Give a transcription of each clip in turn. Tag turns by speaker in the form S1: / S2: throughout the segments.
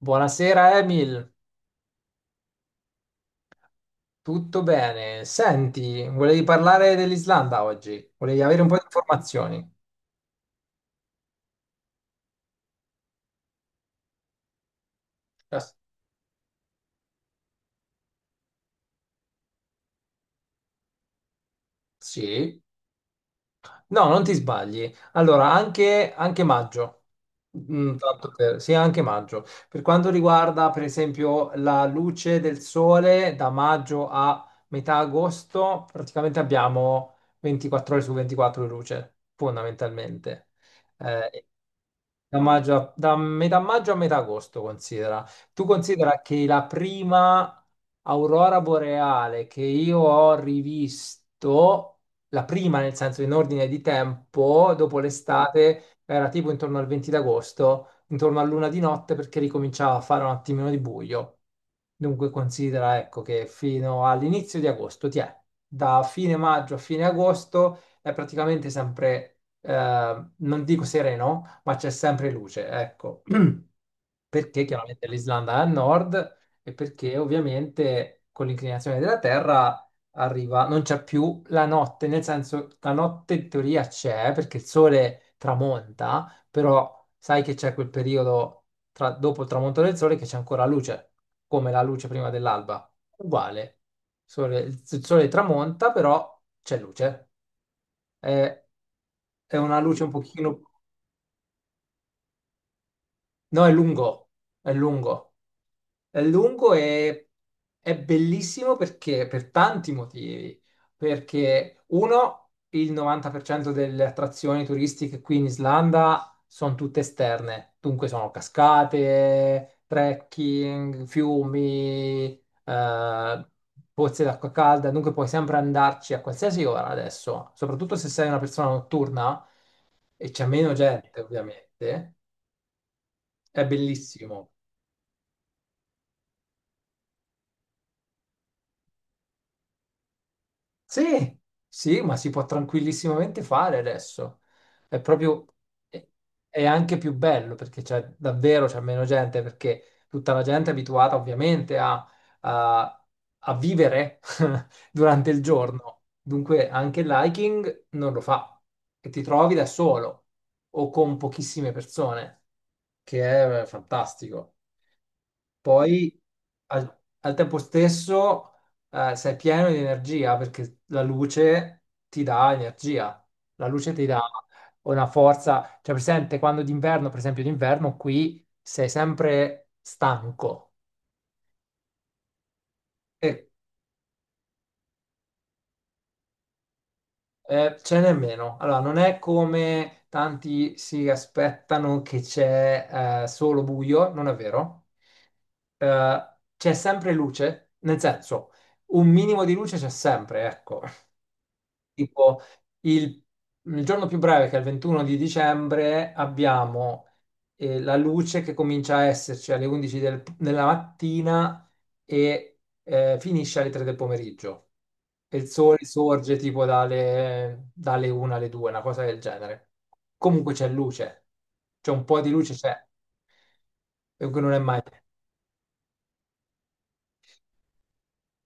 S1: Buonasera Emil, tutto bene? Senti, volevi parlare dell'Islanda oggi? Volevi avere un po' di informazioni? Eh, Sì? No, non ti sbagli. Allora, anche maggio. Mm, sì, anche maggio. Per quanto riguarda, per esempio, la luce del sole da maggio a metà agosto, praticamente abbiamo 24 ore su 24 di luce, fondamentalmente. Eh, Da, da metà maggio a metà agosto, considera. Tu considera che la prima aurora boreale che io ho rivisto, la prima nel senso in ordine di tempo, dopo l'estate, era tipo intorno al 20 d'agosto, intorno a luna di notte perché ricominciava a fare un attimino di buio. Dunque considera, ecco, che fino all'inizio di agosto, da fine maggio a fine agosto è praticamente sempre non dico sereno, ma c'è sempre luce, ecco. Perché chiaramente l'Islanda è a nord e perché ovviamente con l'inclinazione della Terra arriva, non c'è più la notte, nel senso la notte in teoria c'è perché il sole tramonta, però sai che c'è quel periodo dopo il tramonto del sole che c'è ancora luce, come la luce prima dell'alba. Uguale. Il sole tramonta, però c'è luce. È, è una luce un pochino. No, è lungo, è lungo, è lungo e è bellissimo perché per tanti motivi. Perché uno, il 90% delle attrazioni turistiche qui in Islanda sono tutte esterne, dunque sono cascate, trekking, fiumi, pozze d'acqua calda, dunque puoi sempre andarci a qualsiasi ora adesso, soprattutto se sei una persona notturna e c'è meno gente, ovviamente. È bellissimo. Sì, sì, ma si può tranquillissimamente fare adesso. È proprio, è è anche più bello perché c'è davvero c'è meno gente, perché tutta la gente è abituata ovviamente a, a- a vivere durante il giorno. Dunque anche il hiking non lo fa e ti trovi da solo o con pochissime persone, che è fantastico. Poi al tempo stesso sei pieno di energia perché la luce ti dà energia, la luce ti dà una forza, cioè presente quando d'inverno, per esempio d'inverno qui sei sempre stanco e ce n'è meno. Allora non è come tanti si aspettano che c'è solo buio, non è vero. Eh, c'è sempre luce, nel senso un minimo di luce c'è sempre, ecco. Tipo il, il giorno più breve, che è il 21 di dicembre, abbiamo la luce che comincia a esserci alle 11 della mattina e finisce alle 3 del pomeriggio. E il sole sorge tipo dalle 1 alle 2, una cosa del genere. Comunque c'è luce, c'è un po' di luce, c'è, e non è mai.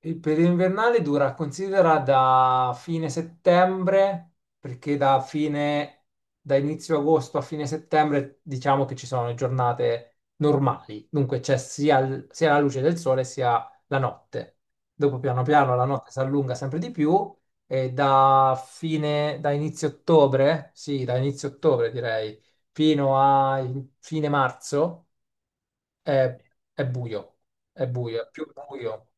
S1: Il periodo invernale dura, considera da fine settembre, perché da inizio agosto a fine settembre, diciamo che ci sono le giornate normali, dunque c'è sia, sia la luce del sole sia la notte. Dopo piano piano la notte si allunga sempre di più e da inizio ottobre, sì, da inizio ottobre direi, fino a fine marzo è, è buio, è più buio.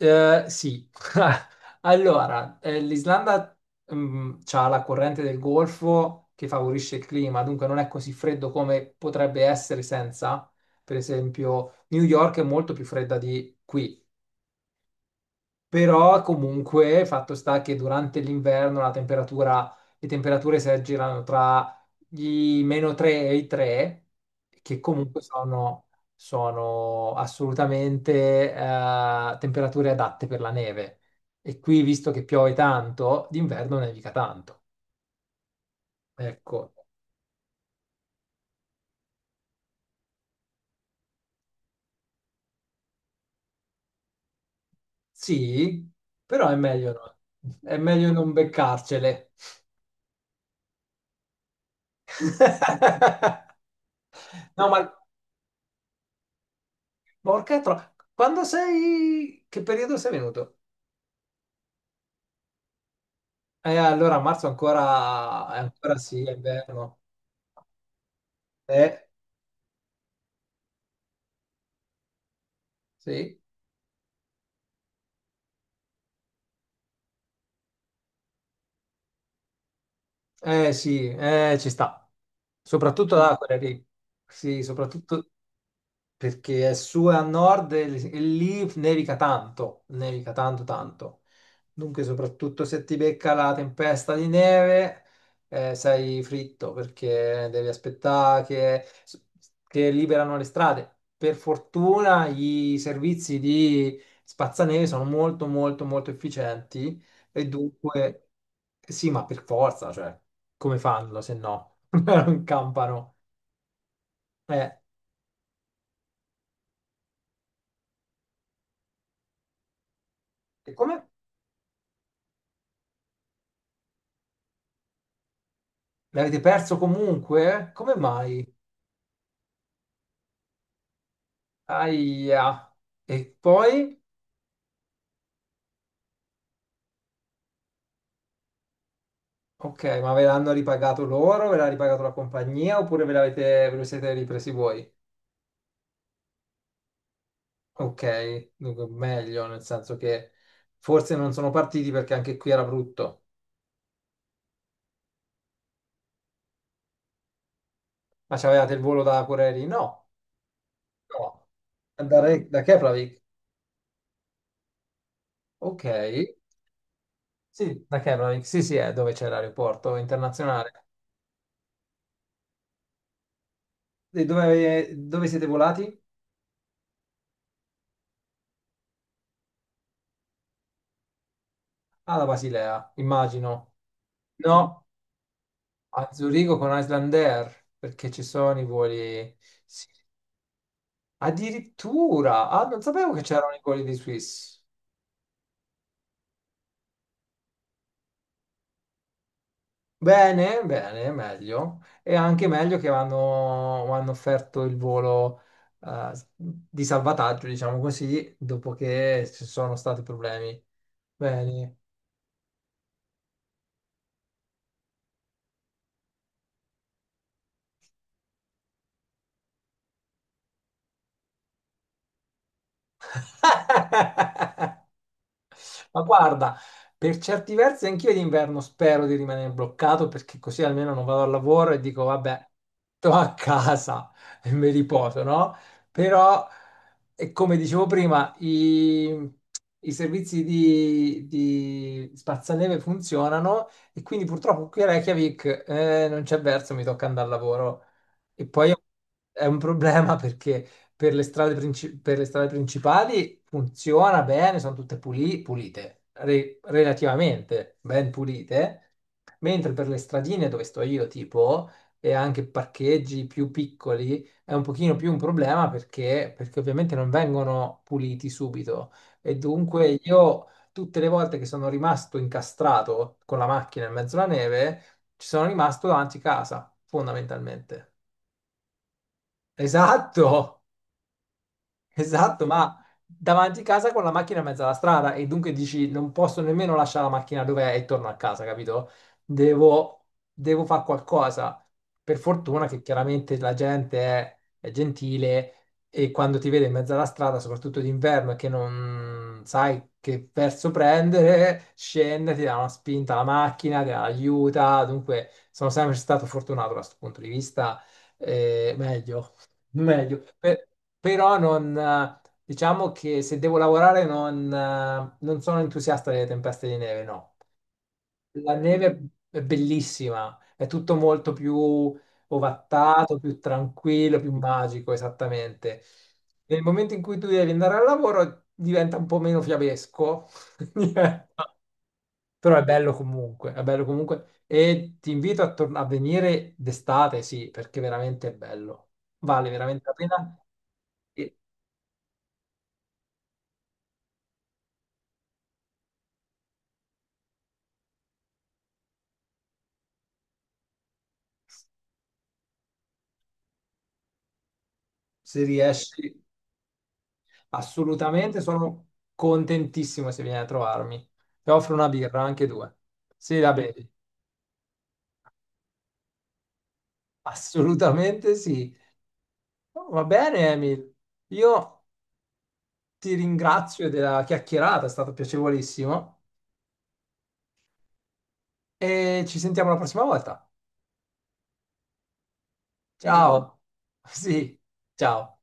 S1: Sì, allora, l'Islanda ha la corrente del Golfo che favorisce il clima, dunque non è così freddo come potrebbe essere senza. Per esempio, New York è molto più fredda di qui, però comunque fatto sta che durante l'inverno le temperature si aggirano tra i meno 3 e i 3, che comunque sono, sono assolutamente temperature adatte per la neve. E qui, visto che piove tanto, d'inverno nevica tanto. Ecco, sì, però è meglio non beccarcele. No, ma quando sei... Che periodo sei venuto? Allora a marzo ancora, ancora sì, è inverno. Eh, sì, sì, ci sta. Soprattutto da quelle lì. Sì, soprattutto, perché è su e a nord e lì nevica tanto tanto. Dunque, soprattutto se ti becca la tempesta di neve, sei fritto perché devi aspettare che liberano le strade. Per fortuna i servizi di spazzaneve sono molto molto molto efficienti e dunque sì, ma per forza, cioè, come fanno se no? Non campano. Eh, e come L'avete perso comunque? Come mai? Aia. E poi? Ok, ma ve l'hanno ripagato loro? Ve l'ha ripagato la compagnia? Oppure ve lo siete ripresi voi? Ok, dunque meglio, nel senso che forse non sono partiti perché anche qui era brutto. Ma c'avevate il volo da Corelli? No, no. Da Keflavik? Ok. Sì, da Keflavik. Sì, sì, è dove c'è l'aeroporto internazionale. E dove siete volati? Alla Basilea, immagino. No, a Zurigo con Iceland Air, perché ci sono i voli... sì. Addirittura, ah, non sapevo che c'erano i voli di Swiss. Bene, bene, meglio. E anche meglio che hanno offerto il volo di salvataggio, diciamo così, dopo che ci sono stati problemi. Bene. Ma guarda, per certi versi anch'io d'inverno spero di rimanere bloccato perché così almeno non vado al lavoro e dico vabbè, sto a casa e mi riposo, no? Però, e come dicevo prima, i servizi di spazzaneve funzionano e quindi purtroppo qui a Reykjavik non c'è verso, mi tocca andare al lavoro. E poi è un problema perché per le strade principali funziona bene, sono tutte pulite, relativamente ben pulite, mentre per le stradine dove sto io, tipo, e anche parcheggi più piccoli, è un pochino più un problema perché ovviamente non vengono puliti subito e dunque io tutte le volte che sono rimasto incastrato con la macchina in mezzo alla neve, ci sono rimasto davanti casa, fondamentalmente. Esatto! Esatto, ma davanti a casa con la macchina in mezzo alla strada e dunque dici non posso nemmeno lasciare la macchina dove è e torno a casa, capito? Devo, devo fare qualcosa. Per fortuna che chiaramente è gentile e quando ti vede in mezzo alla strada, soprattutto d'inverno, e che non sai che verso prendere, scende, ti dà una spinta alla macchina, ti aiuta. Dunque sono sempre stato fortunato da questo punto di vista, meglio meglio. Però non, diciamo che se devo lavorare non, non sono entusiasta delle tempeste di neve, no. La neve è bellissima, è tutto molto più ovattato, più tranquillo, più magico, esattamente. Nel momento in cui tu devi andare al lavoro diventa un po' meno fiabesco, Diventa- però è bello comunque, è bello comunque. E ti invito a venire d'estate, sì, perché veramente è bello. Vale veramente la pena. Se riesci, assolutamente, sono contentissimo se vieni a trovarmi. Ti offro una birra, anche due. Sì, la bevi. Assolutamente sì. Va bene, Emil. Io ti ringrazio della chiacchierata, è stato piacevolissimo e ci sentiamo la prossima volta. Ciao. Sì, ciao.